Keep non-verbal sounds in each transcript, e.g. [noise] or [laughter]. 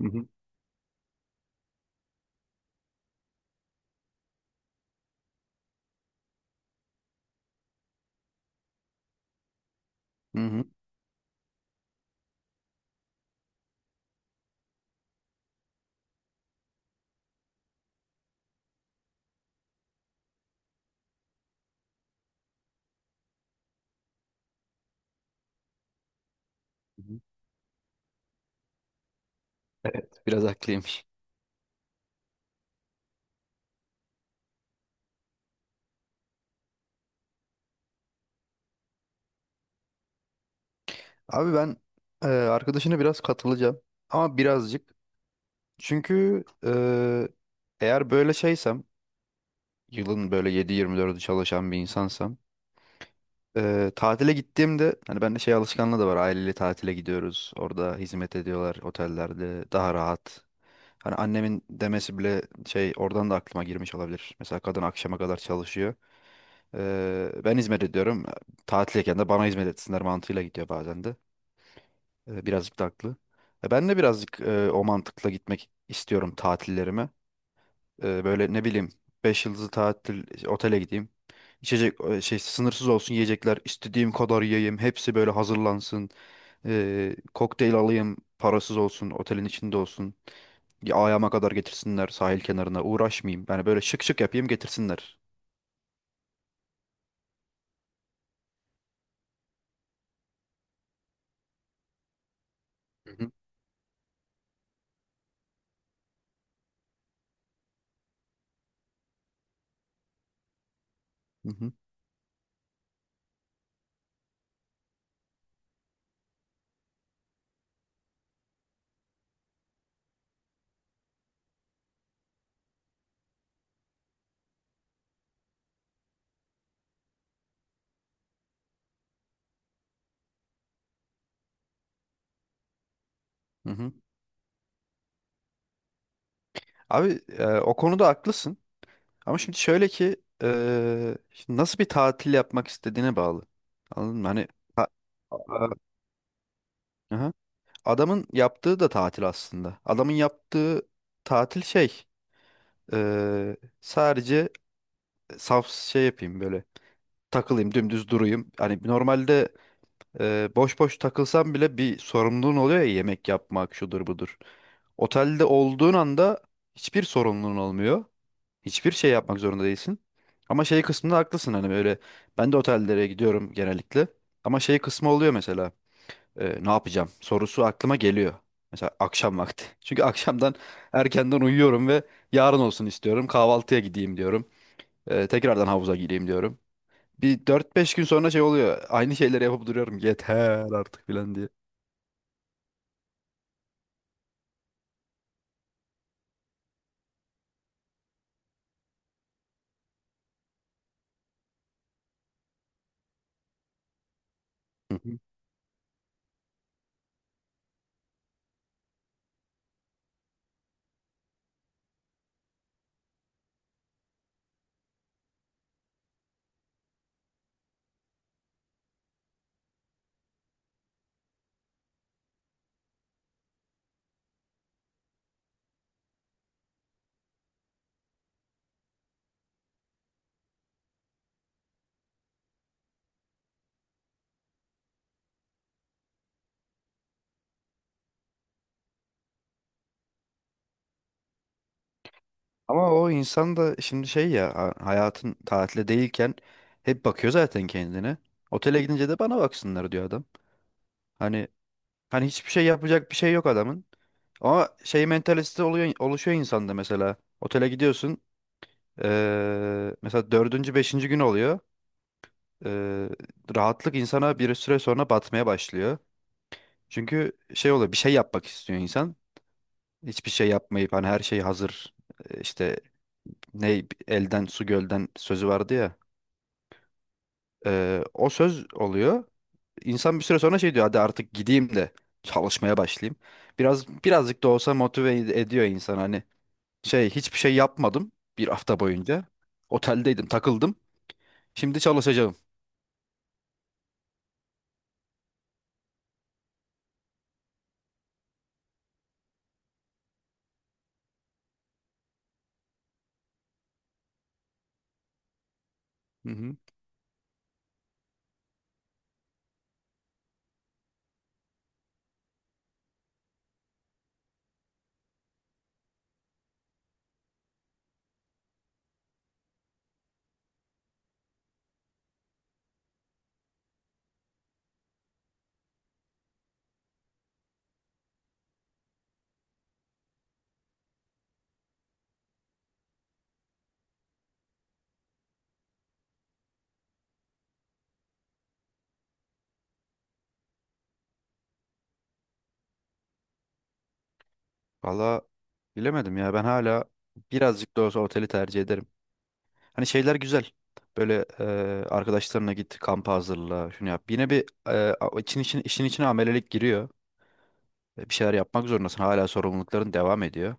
Hı hı. Hı hı. Hı hı. Evet, biraz haklıymış. Abi ben arkadaşına biraz katılacağım. Ama birazcık. Çünkü eğer böyle şeysem, yılın böyle 7-24'ü çalışan bir insansam, tatile gittiğimde, hani bende şey alışkanlığı da var. Aileyle tatile gidiyoruz. Orada hizmet ediyorlar otellerde. Daha rahat. Hani annemin demesi bile şey oradan da aklıma girmiş olabilir. Mesela kadın akşama kadar çalışıyor. Ben hizmet ediyorum. Tatildeyken de bana hizmet etsinler mantığıyla gidiyor bazen de. Birazcık da haklı. Ben de birazcık o mantıkla gitmek istiyorum tatillerime. Böyle ne bileyim 5 yıldızlı tatil işte, otele gideyim. İçecek şey sınırsız olsun yiyecekler. İstediğim kadar yiyeyim. Hepsi böyle hazırlansın. Kokteyl alayım. Parasız olsun. Otelin içinde olsun. Ya, ayağıma kadar getirsinler sahil kenarına. Uğraşmayayım. Yani böyle şık şık yapayım getirsinler. Hı hı. Hı hı. Hı hı. Abi o konuda haklısın. Ama şimdi şöyle ki şimdi nasıl bir tatil yapmak istediğine bağlı. Anladın mı? Ta- Aa, aha. Adamın yaptığı da tatil aslında. Adamın yaptığı tatil sadece saf şey yapayım böyle takılayım dümdüz durayım. Hani normalde boş boş takılsam bile bir sorumluluğun oluyor ya, yemek yapmak şudur budur. Otelde olduğun anda hiçbir sorumluluğun olmuyor. Hiçbir şey yapmak zorunda değilsin. Ama şey kısmında haklısın hani böyle, ben de otellere gidiyorum genellikle. Ama şey kısmı oluyor mesela, ne yapacağım sorusu aklıma geliyor. Mesela akşam vakti. [laughs] Çünkü akşamdan erkenden uyuyorum ve yarın olsun istiyorum. Kahvaltıya gideyim diyorum. Tekrardan havuza gireyim diyorum. Bir dört beş gün sonra şey oluyor. Aynı şeyleri yapıp duruyorum. Yeter artık filan diye. Hı. [laughs] Ama o insan da şimdi şey ya hayatın tatile değilken hep bakıyor zaten kendine. Otele gidince de bana baksınlar diyor adam. Hani hani hiçbir şey yapacak bir şey yok adamın. Ama şey mentalitesi oluyor, oluşuyor insanda mesela. Otele gidiyorsun mesela dördüncü beşinci gün oluyor. Eee, Rahatlık insana bir süre sonra batmaya başlıyor. Çünkü şey oluyor, bir şey yapmak istiyor insan. Hiçbir şey yapmayıp hani her şey hazır, işte ne elden su gölden sözü vardı ya. O söz oluyor. İnsan bir süre sonra şey diyor, hadi artık gideyim de çalışmaya başlayayım. Birazcık da olsa motive ediyor insan hani. Şey, hiçbir şey yapmadım bir hafta boyunca. Oteldeydim, takıldım. Şimdi çalışacağım. Hı hı. Valla bilemedim ya, ben hala birazcık da olsa oteli tercih ederim. Hani şeyler güzel. Böyle arkadaşlarına git, kampa hazırla, şunu yap. Yine bir işin içine amelelik giriyor. Bir şeyler yapmak zorundasın. Hala sorumlulukların devam ediyor.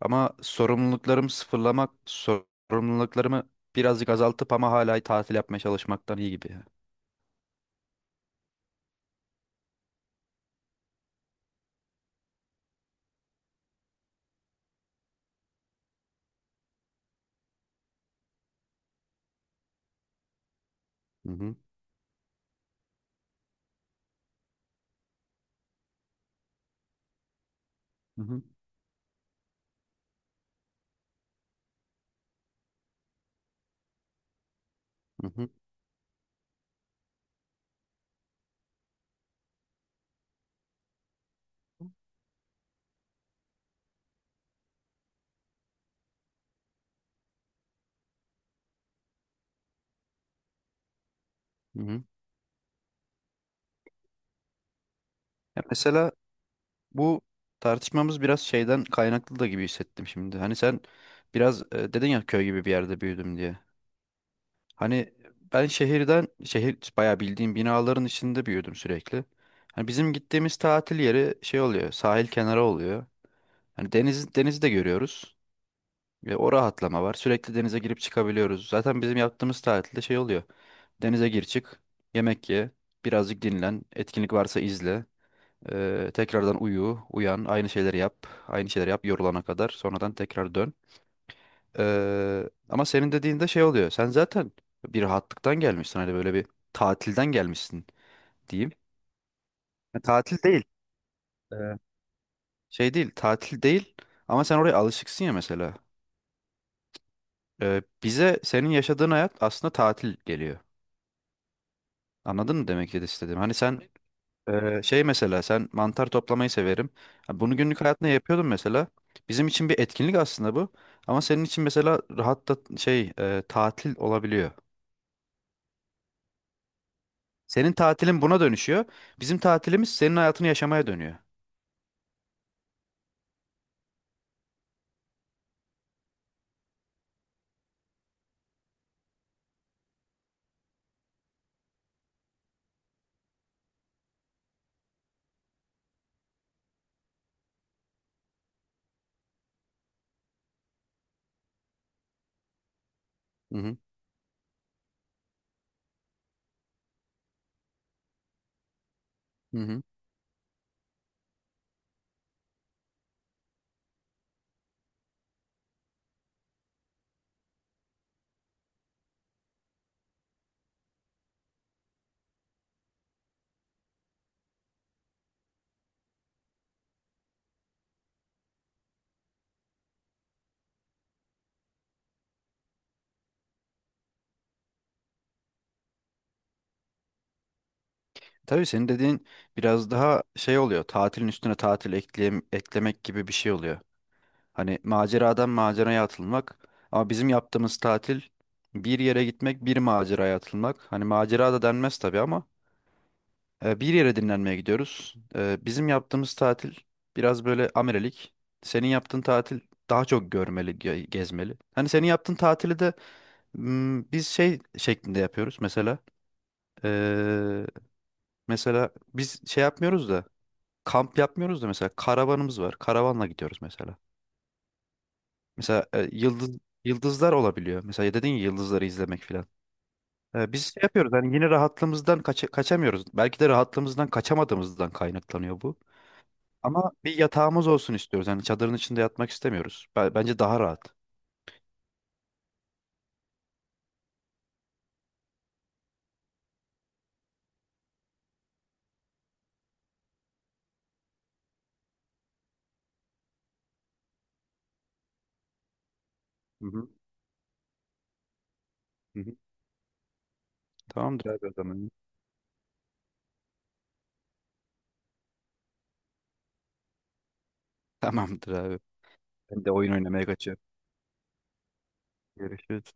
Ama sorumluluklarımı sıfırlamak, sorumluluklarımı birazcık azaltıp ama hala tatil yapmaya çalışmaktan iyi gibi, ya. Hı hı. Hı hı. Hı hı. Hı hı. Ya mesela bu tartışmamız biraz şeyden kaynaklı da gibi hissettim şimdi. Hani sen biraz dedin ya köy gibi bir yerde büyüdüm diye. Hani ben şehirden şehir bayağı bildiğim binaların içinde büyüdüm sürekli. Hani bizim gittiğimiz tatil yeri şey oluyor, sahil kenarı oluyor. Hani denizi de görüyoruz. Ve o rahatlama var. Sürekli denize girip çıkabiliyoruz. Zaten bizim yaptığımız tatilde şey oluyor. Denize gir çık, yemek ye, birazcık dinlen, etkinlik varsa izle. Tekrardan uyu, uyan, aynı şeyleri yap, aynı şeyleri yap yorulana kadar. Sonradan tekrar dön. Ama senin dediğinde şey oluyor. Sen zaten bir rahatlıktan gelmişsin. Hani böyle bir tatilden gelmişsin diyeyim. Ya tatil değil. Ee, Şey değil, tatil değil. Ama sen oraya alışıksın ya mesela. Bize senin yaşadığın hayat aslında tatil geliyor. Anladın mı demek ki istedim? Hani sen şey, mesela sen mantar toplamayı severim. Ha, bunu günlük hayatında yapıyordun mesela. Bizim için bir etkinlik aslında bu. Ama senin için mesela rahat da şey tatil olabiliyor. Senin tatilin buna dönüşüyor. Bizim tatilimiz senin hayatını yaşamaya dönüyor. Hı hı. Hı hı. Tabii senin dediğin biraz daha şey oluyor. Tatilin üstüne tatil eklemek gibi bir şey oluyor. Hani maceradan maceraya atılmak. Ama bizim yaptığımız tatil bir yere gitmek, bir maceraya atılmak. Hani macera da denmez tabii ama bir yere dinlenmeye gidiyoruz. E, bizim yaptığımız tatil biraz böyle amerelik. Senin yaptığın tatil daha çok görmeli, gezmeli. Hani senin yaptığın tatili de biz şey şeklinde yapıyoruz mesela. E, Mesela biz şey yapmıyoruz da, kamp yapmıyoruz da, mesela karavanımız var. Karavanla gidiyoruz mesela. Mesela yıldızlar olabiliyor. Mesela dedin ya yıldızları izlemek filan. Biz şey yapıyoruz hani yine rahatlığımızdan kaçamıyoruz. Belki de rahatlığımızdan kaçamadığımızdan kaynaklanıyor bu. Ama bir yatağımız olsun istiyoruz. Yani çadırın içinde yatmak istemiyoruz. Bence daha rahat. Hı hı. Hı hı. Tamamdır abi o zaman. [laughs] Tamamdır abi. Ben de oyun oynamaya kaçıyorum. Görüşürüz.